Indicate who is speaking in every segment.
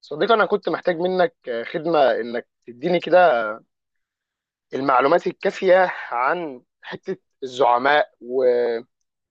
Speaker 1: صديقي، أنا كنت محتاج منك خدمة إنك تديني كده المعلومات الكافية عن حتة الزعماء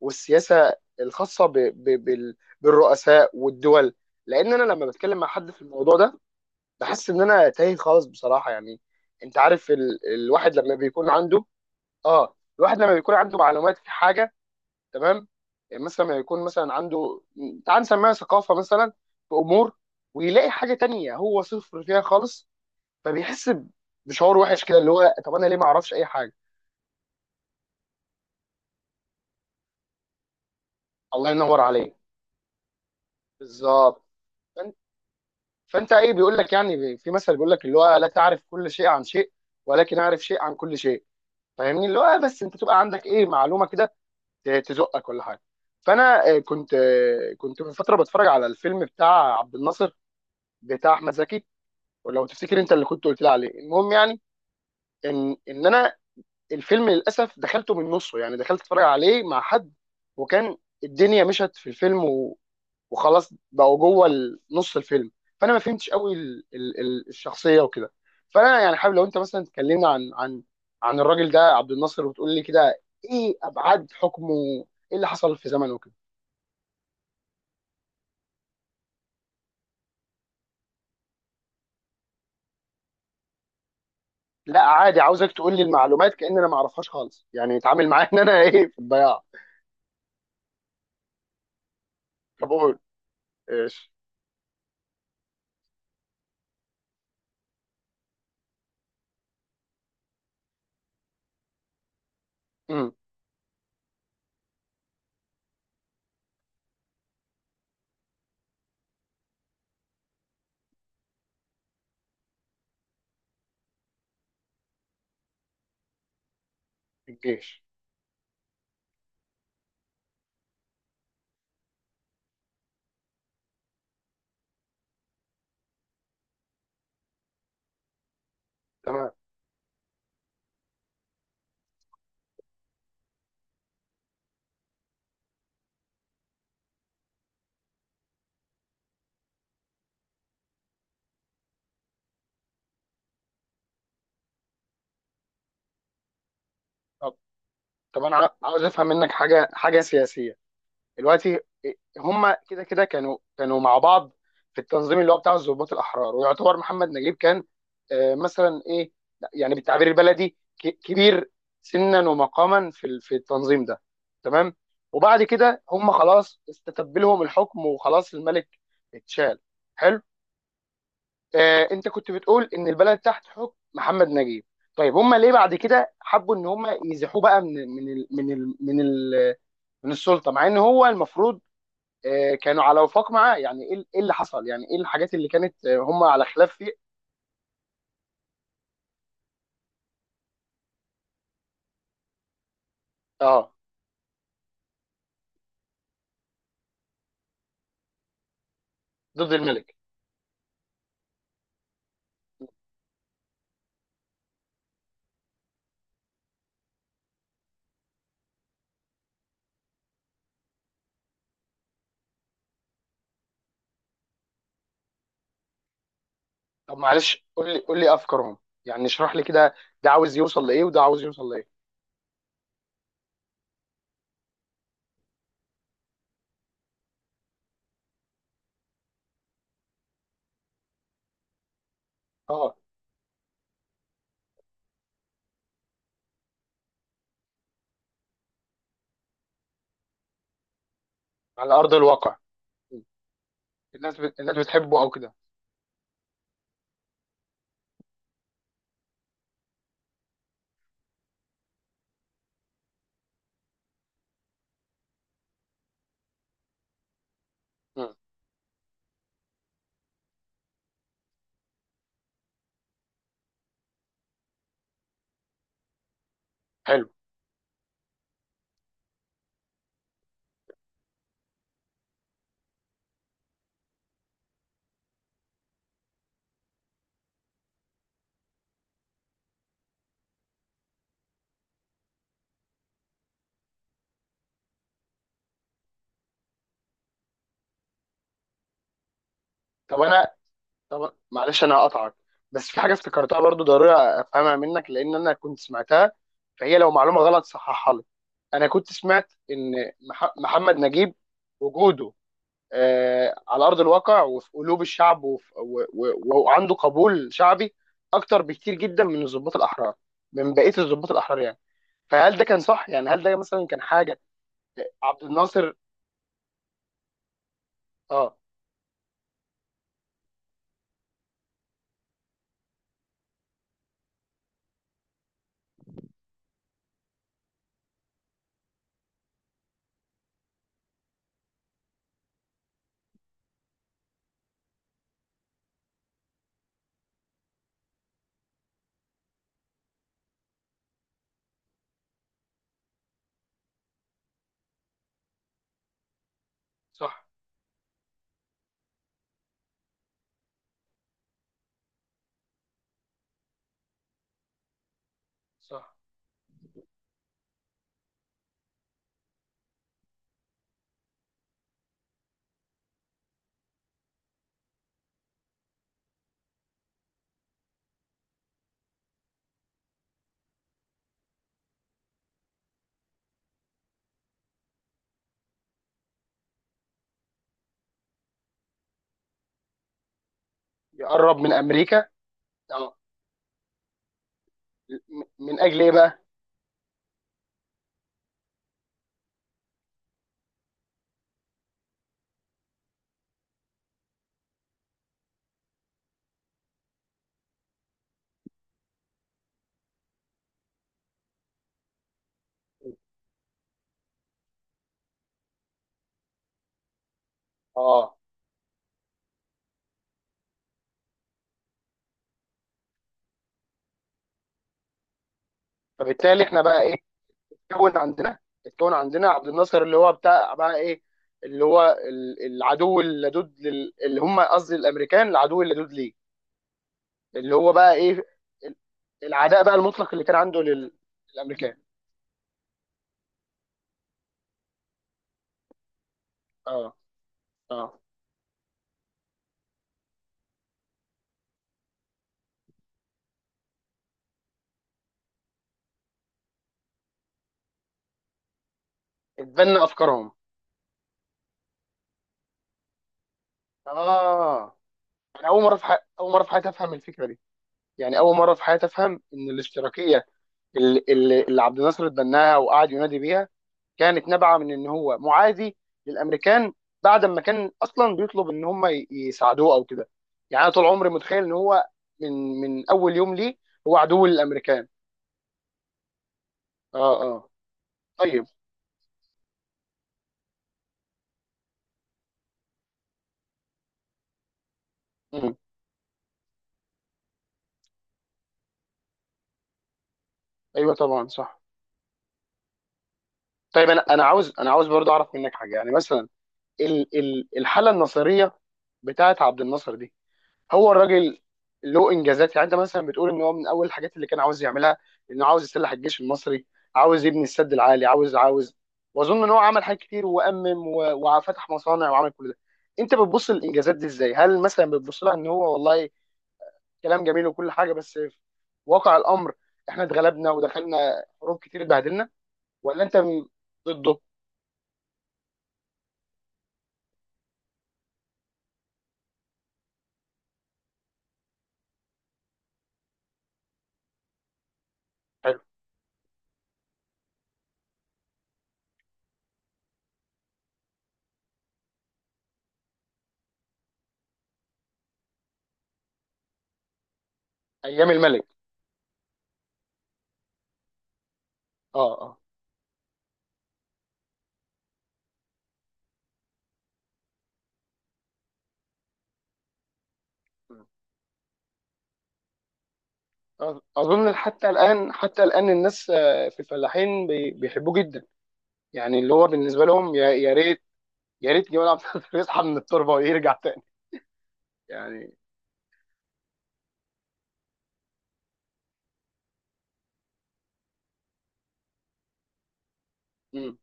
Speaker 1: والسياسة الخاصة بالرؤساء والدول، لأن أنا لما بتكلم مع حد في الموضوع ده بحس إن أنا تايه خالص بصراحة يعني. أنت عارف ال... الواحد لما بيكون عنده آه الواحد لما بيكون عنده معلومات في حاجة. تمام. يعني مثلا لما يكون مثلا عنده، تعال نسميها ثقافة مثلا، في أمور، ويلاقي حاجة تانية هو صفر فيها خالص، فبيحس بشعور وحش كده اللي هو، طب انا ليه ما اعرفش اي حاجه؟ الله ينور عليك. بالظبط. فانت فانت ايه بيقول لك، يعني في مثل بيقول لك اللي هو لا تعرف كل شيء عن شيء، ولكن اعرف شيء عن كل شيء. فاهمني، اللي هو بس انت تبقى عندك ايه معلومه كده تزقك ولا حاجه. فانا كنت من فتره بتفرج على الفيلم بتاع عبد الناصر، بتاع احمد زكي، ولو تفتكر انت اللي كنت قلت لي عليه. المهم يعني، ان ان انا الفيلم للاسف دخلته من نصه، يعني دخلت اتفرج عليه مع حد، وكان الدنيا مشت في الفيلم وخلاص بقوا جوه نص الفيلم. فانا ما فهمتش قوي الشخصيه وكده. فانا يعني حابب لو انت مثلا تكلمنا عن الراجل ده عبد الناصر، وتقول لي كده ايه ابعاد حكمه، ايه اللي حصل في زمنه وكده. لا عادي، عاوزك تقول لي المعلومات كأن انا ما اعرفهاش خالص، يعني اتعامل معايا ان انا ايه، في الضياع. طب قول. ايش؟ امم. الجيش. تمام. طب طب انا عاوز افهم منك حاجه سياسيه دلوقتي. هم كده كانوا مع بعض في التنظيم اللي هو بتاع الضباط الاحرار، ويعتبر محمد نجيب كان مثلا ايه، لا، يعني بالتعبير البلدي كبير سنا ومقاما في في التنظيم ده. تمام. وبعد كده هم خلاص استتب لهم الحكم، وخلاص الملك اتشال. حلو. آه، انت كنت بتقول ان البلد تحت حكم محمد نجيب. طيب هم ليه بعد كده حبوا ان هم يزيحوه بقى من السلطه، مع ان هو المفروض كانوا على وفاق معاه؟ يعني ايه، إيه اللي حصل؟ يعني ايه الحاجات اللي كانت هم على خلاف فيه؟ اه. ضد الملك. طب معلش، قول لي افكارهم، يعني اشرح لي كده، ده عاوز يوصل لايه وده عاوز يوصل لايه؟ اه. على ارض الواقع. م. الناس بتحبه او كده؟ م. حلو. طب انا طب معلش، انا هقطعك، بس في حاجه افتكرتها برضو ضروري افهمها منك لان انا كنت سمعتها، فهي لو معلومه غلط صححها لي. انا كنت سمعت ان محمد نجيب وجوده على ارض الواقع وفي قلوب الشعب وعنده قبول شعبي اكتر بكتير جدا من بقيه الضباط الاحرار يعني. فهل ده كان صح؟ يعني هل ده مثلا كان حاجه؟ عبد الناصر. اه. صح، صح. يقرب من امريكا. اه. من اجل ايه بقى؟ اه. فبالتالي احنا بقى ايه، اتكون عندنا اتكون عندنا عبد الناصر اللي هو بتاع بقى ايه، اللي هو العدو اللدود اللي هم، قصدي الامريكان، العدو اللدود ليه، اللي هو بقى ايه، العداء بقى المطلق اللي كان عنده للامريكان. اه، اه. اتبنى افكارهم. اه. انا اول مره في حياتي افهم الفكره دي. يعني اول مره في حياتي افهم ان الاشتراكيه اللي عبد الناصر اتبناها وقعد ينادي بيها كانت نابعه من ان هو معادي للامريكان، بعد ما كان اصلا بيطلب ان هم يساعدوه او كده. يعني انا طول عمري متخيل ان هو من اول يوم ليه هو عدو للامريكان. اه، اه. طيب. مم. ايوه طبعا، صح. طيب، انا عاوز برضه اعرف منك حاجه، يعني مثلا ال ال الحاله النصيريه بتاعت عبد الناصر دي، هو الراجل له انجازات، يعني انت مثلا بتقول ان هو من اول الحاجات اللي كان عاوز يعملها انه عاوز يسلح الجيش المصري، عاوز يبني السد العالي، عاوز عاوز واظن ان هو عمل حاجات كتير، وفتح مصانع وعمل كل ده. انت بتبص للانجازات دي ازاي؟ هل مثلا بتبص لها ان هو والله كلام جميل وكل حاجه، بس في واقع الامر احنا اتغلبنا ودخلنا حروب كتير، اتبهدلنا؟ ولا انت ضده؟ ايام الملك. اه، اه. مم. اظن حتى الان، حتى الان الناس في الفلاحين بيحبوه جدا. يعني اللي هو بالنسبه لهم، يا ريت، يا ريت جمال عبد الناصر يصحى من التربه ويرجع تاني يعني. مم.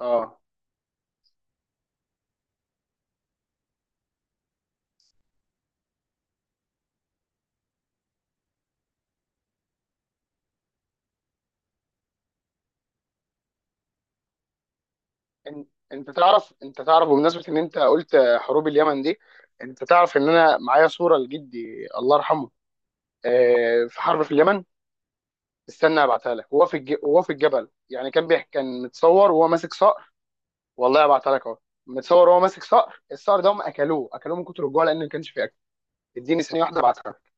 Speaker 1: اه. إن- انت تعرف بمناسبه ان انت قلت حروب اليمن دي، انت تعرف ان انا معايا صوره لجدي الله يرحمه في حرب في اليمن؟ استنى ابعتها لك، وهو في الجبل، يعني كان بيحكي، كان متصور وهو ماسك صاع. والله ابعتها لك اهو، متصور هو ماسك صقر، الصقر ده هم اكلوه، اكلوه من كتر الجوع لان ما كانش فيه اكل. اديني ثانيه واحده ابعتها.